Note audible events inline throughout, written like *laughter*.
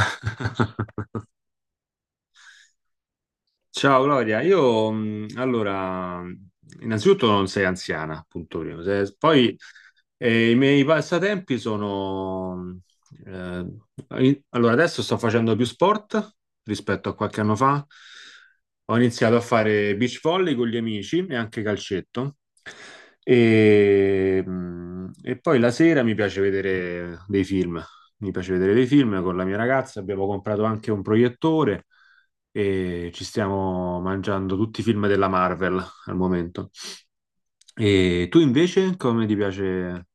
*laughs* Ciao Gloria, io innanzitutto non sei anziana, punto primo. Se- poi I miei passatempi sono... eh, adesso sto facendo più sport rispetto a qualche anno fa. Ho iniziato a fare beach volley con gli amici e anche calcetto. E poi la sera mi piace vedere dei film con la mia ragazza, abbiamo comprato anche un proiettore e ci stiamo mangiando tutti i film della Marvel al momento. E tu invece come ti piace?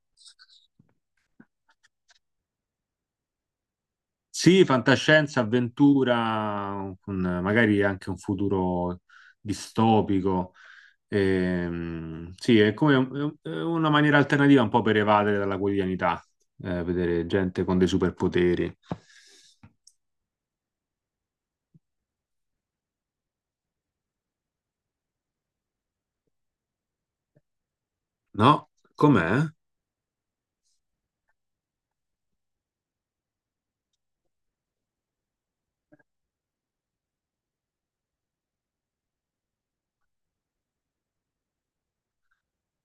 Sì, fantascienza, avventura, con magari anche un futuro distopico. Sì, è è una maniera alternativa un po' per evadere dalla quotidianità, vedere gente con dei superpoteri. No? Com'è?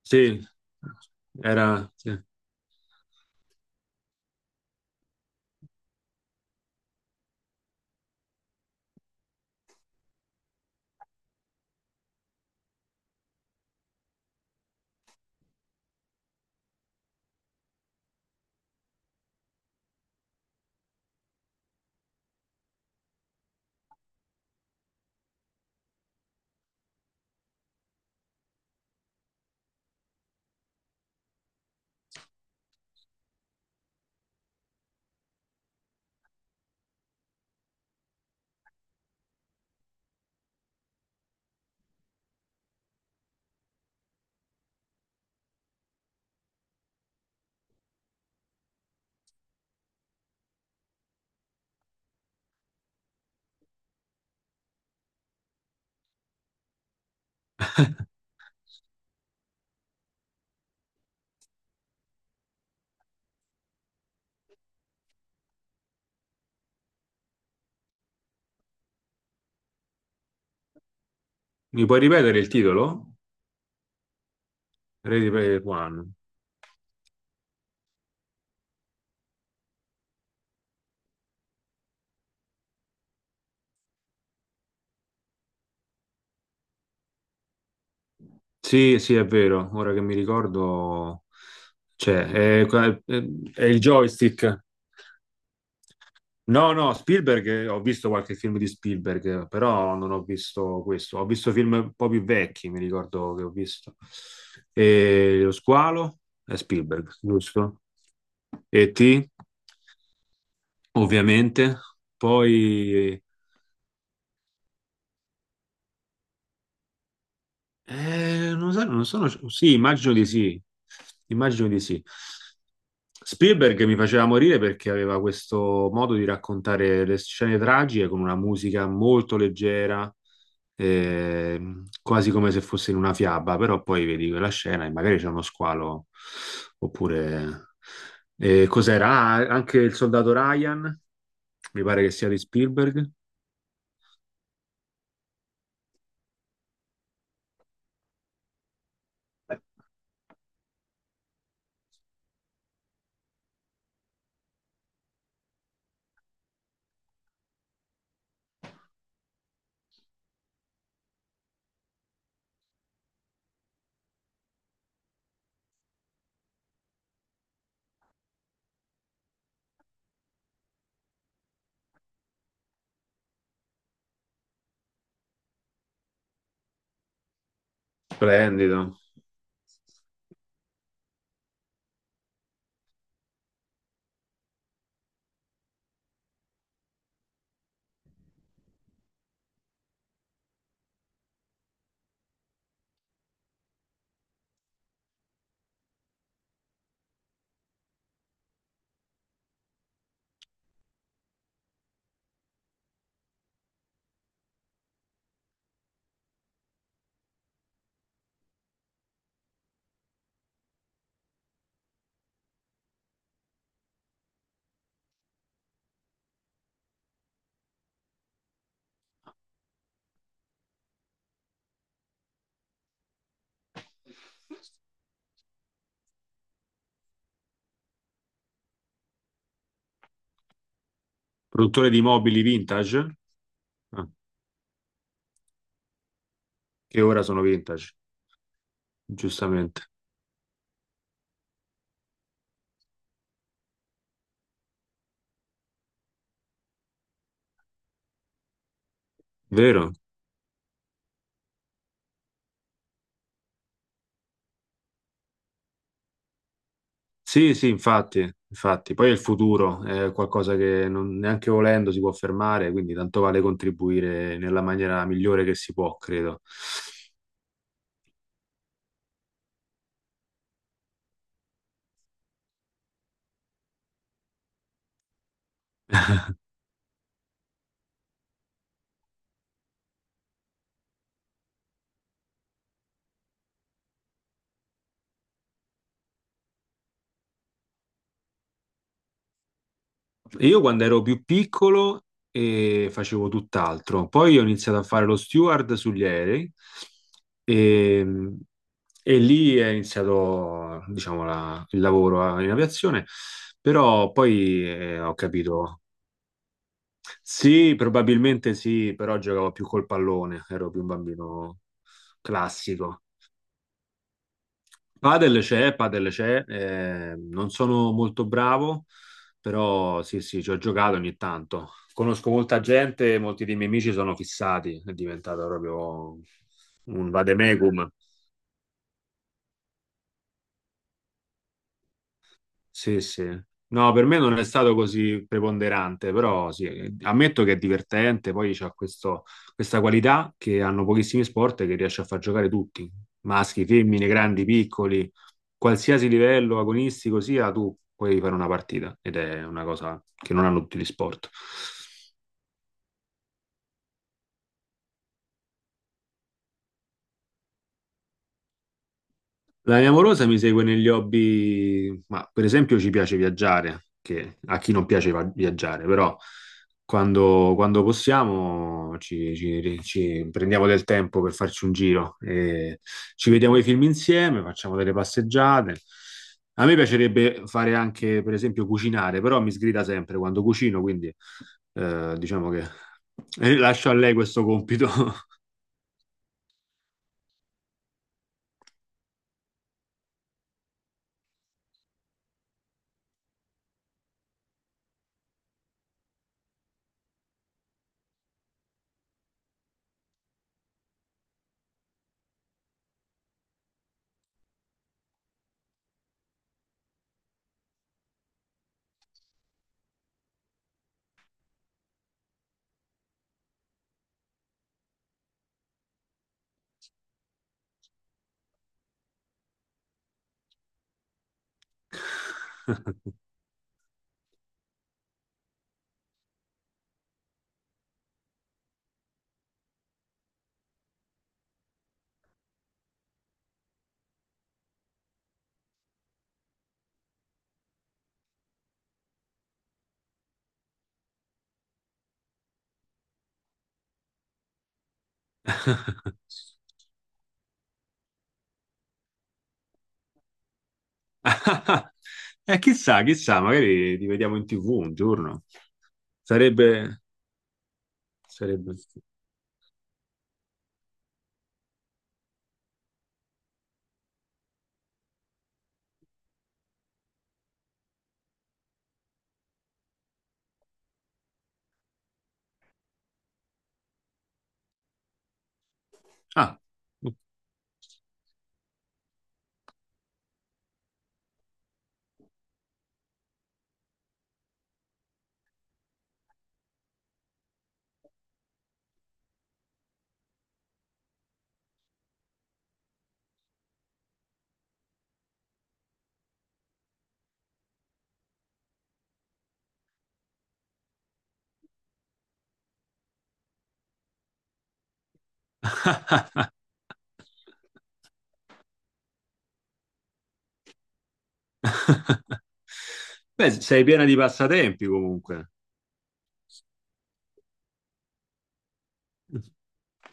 Sì, era... sì. Mi puoi ripetere il titolo? Ready Player One. Sì, sì, è vero, ora che mi ricordo... Cioè, è, è- è il joystick. No, no, Spielberg, ho visto qualche film di Spielberg, però non ho visto questo. Ho visto film un po' più vecchi, mi ricordo che ho visto. E Lo squalo è Spielberg, giusto? E T, ovviamente. Poi non sono, sì, immagino di sì, immagino di sì. Spielberg mi faceva morire perché aveva questo modo di raccontare le scene tragiche con una musica molto leggera, quasi come se fosse in una fiaba, però poi vedi quella scena e magari c'è uno squalo, oppure... cos'era? Ah, anche il soldato Ryan, mi pare che sia di Spielberg. Splendido. Produttore di mobili vintage? Ah, che ora sono vintage, giustamente. Vero? Sì, sì, infatti, infatti. Poi è il futuro è qualcosa che neanche volendo si può fermare, quindi tanto vale contribuire nella maniera migliore che si può, credo. Io quando ero più piccolo facevo tutt'altro, poi ho iniziato a fare lo steward sugli aerei e, e lì è iniziato, diciamo, il lavoro in aviazione, però poi ho capito. Sì, probabilmente sì, però giocavo più col pallone, ero più un bambino classico. Padel c'è, non sono molto bravo, però sì, sì, ci ho giocato ogni tanto. Conosco molta gente, molti dei miei amici sono fissati, è diventato proprio un vademecum. Sì, sì. No, per me non è stato così preponderante, però sì, ammetto che è divertente, poi questa qualità che hanno pochissimi sport e che riesce a far giocare tutti, maschi, femmine, grandi, piccoli, qualsiasi livello agonistico sia, tu puoi fare una partita ed è una cosa che non hanno tutti gli sport. La mia amorosa mi segue negli hobby, ma per esempio ci piace viaggiare, che a chi non piace viaggiare, però quando possiamo ci prendiamo del tempo per farci un giro, e ci vediamo i film insieme, facciamo delle passeggiate. A me piacerebbe fare anche, per esempio, cucinare, però mi sgrida sempre quando cucino, quindi diciamo che lascio a lei questo compito. *laughs* *laughs* Chissà, chissà, magari li vediamo in TV un giorno. Sarebbe, sarebbe... Ah, *laughs* Beh, sei piena di passatempi comunque. *laughs*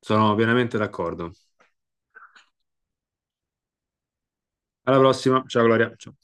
Sono pienamente d'accordo. Alla prossima. Ciao Gloria. Ciao.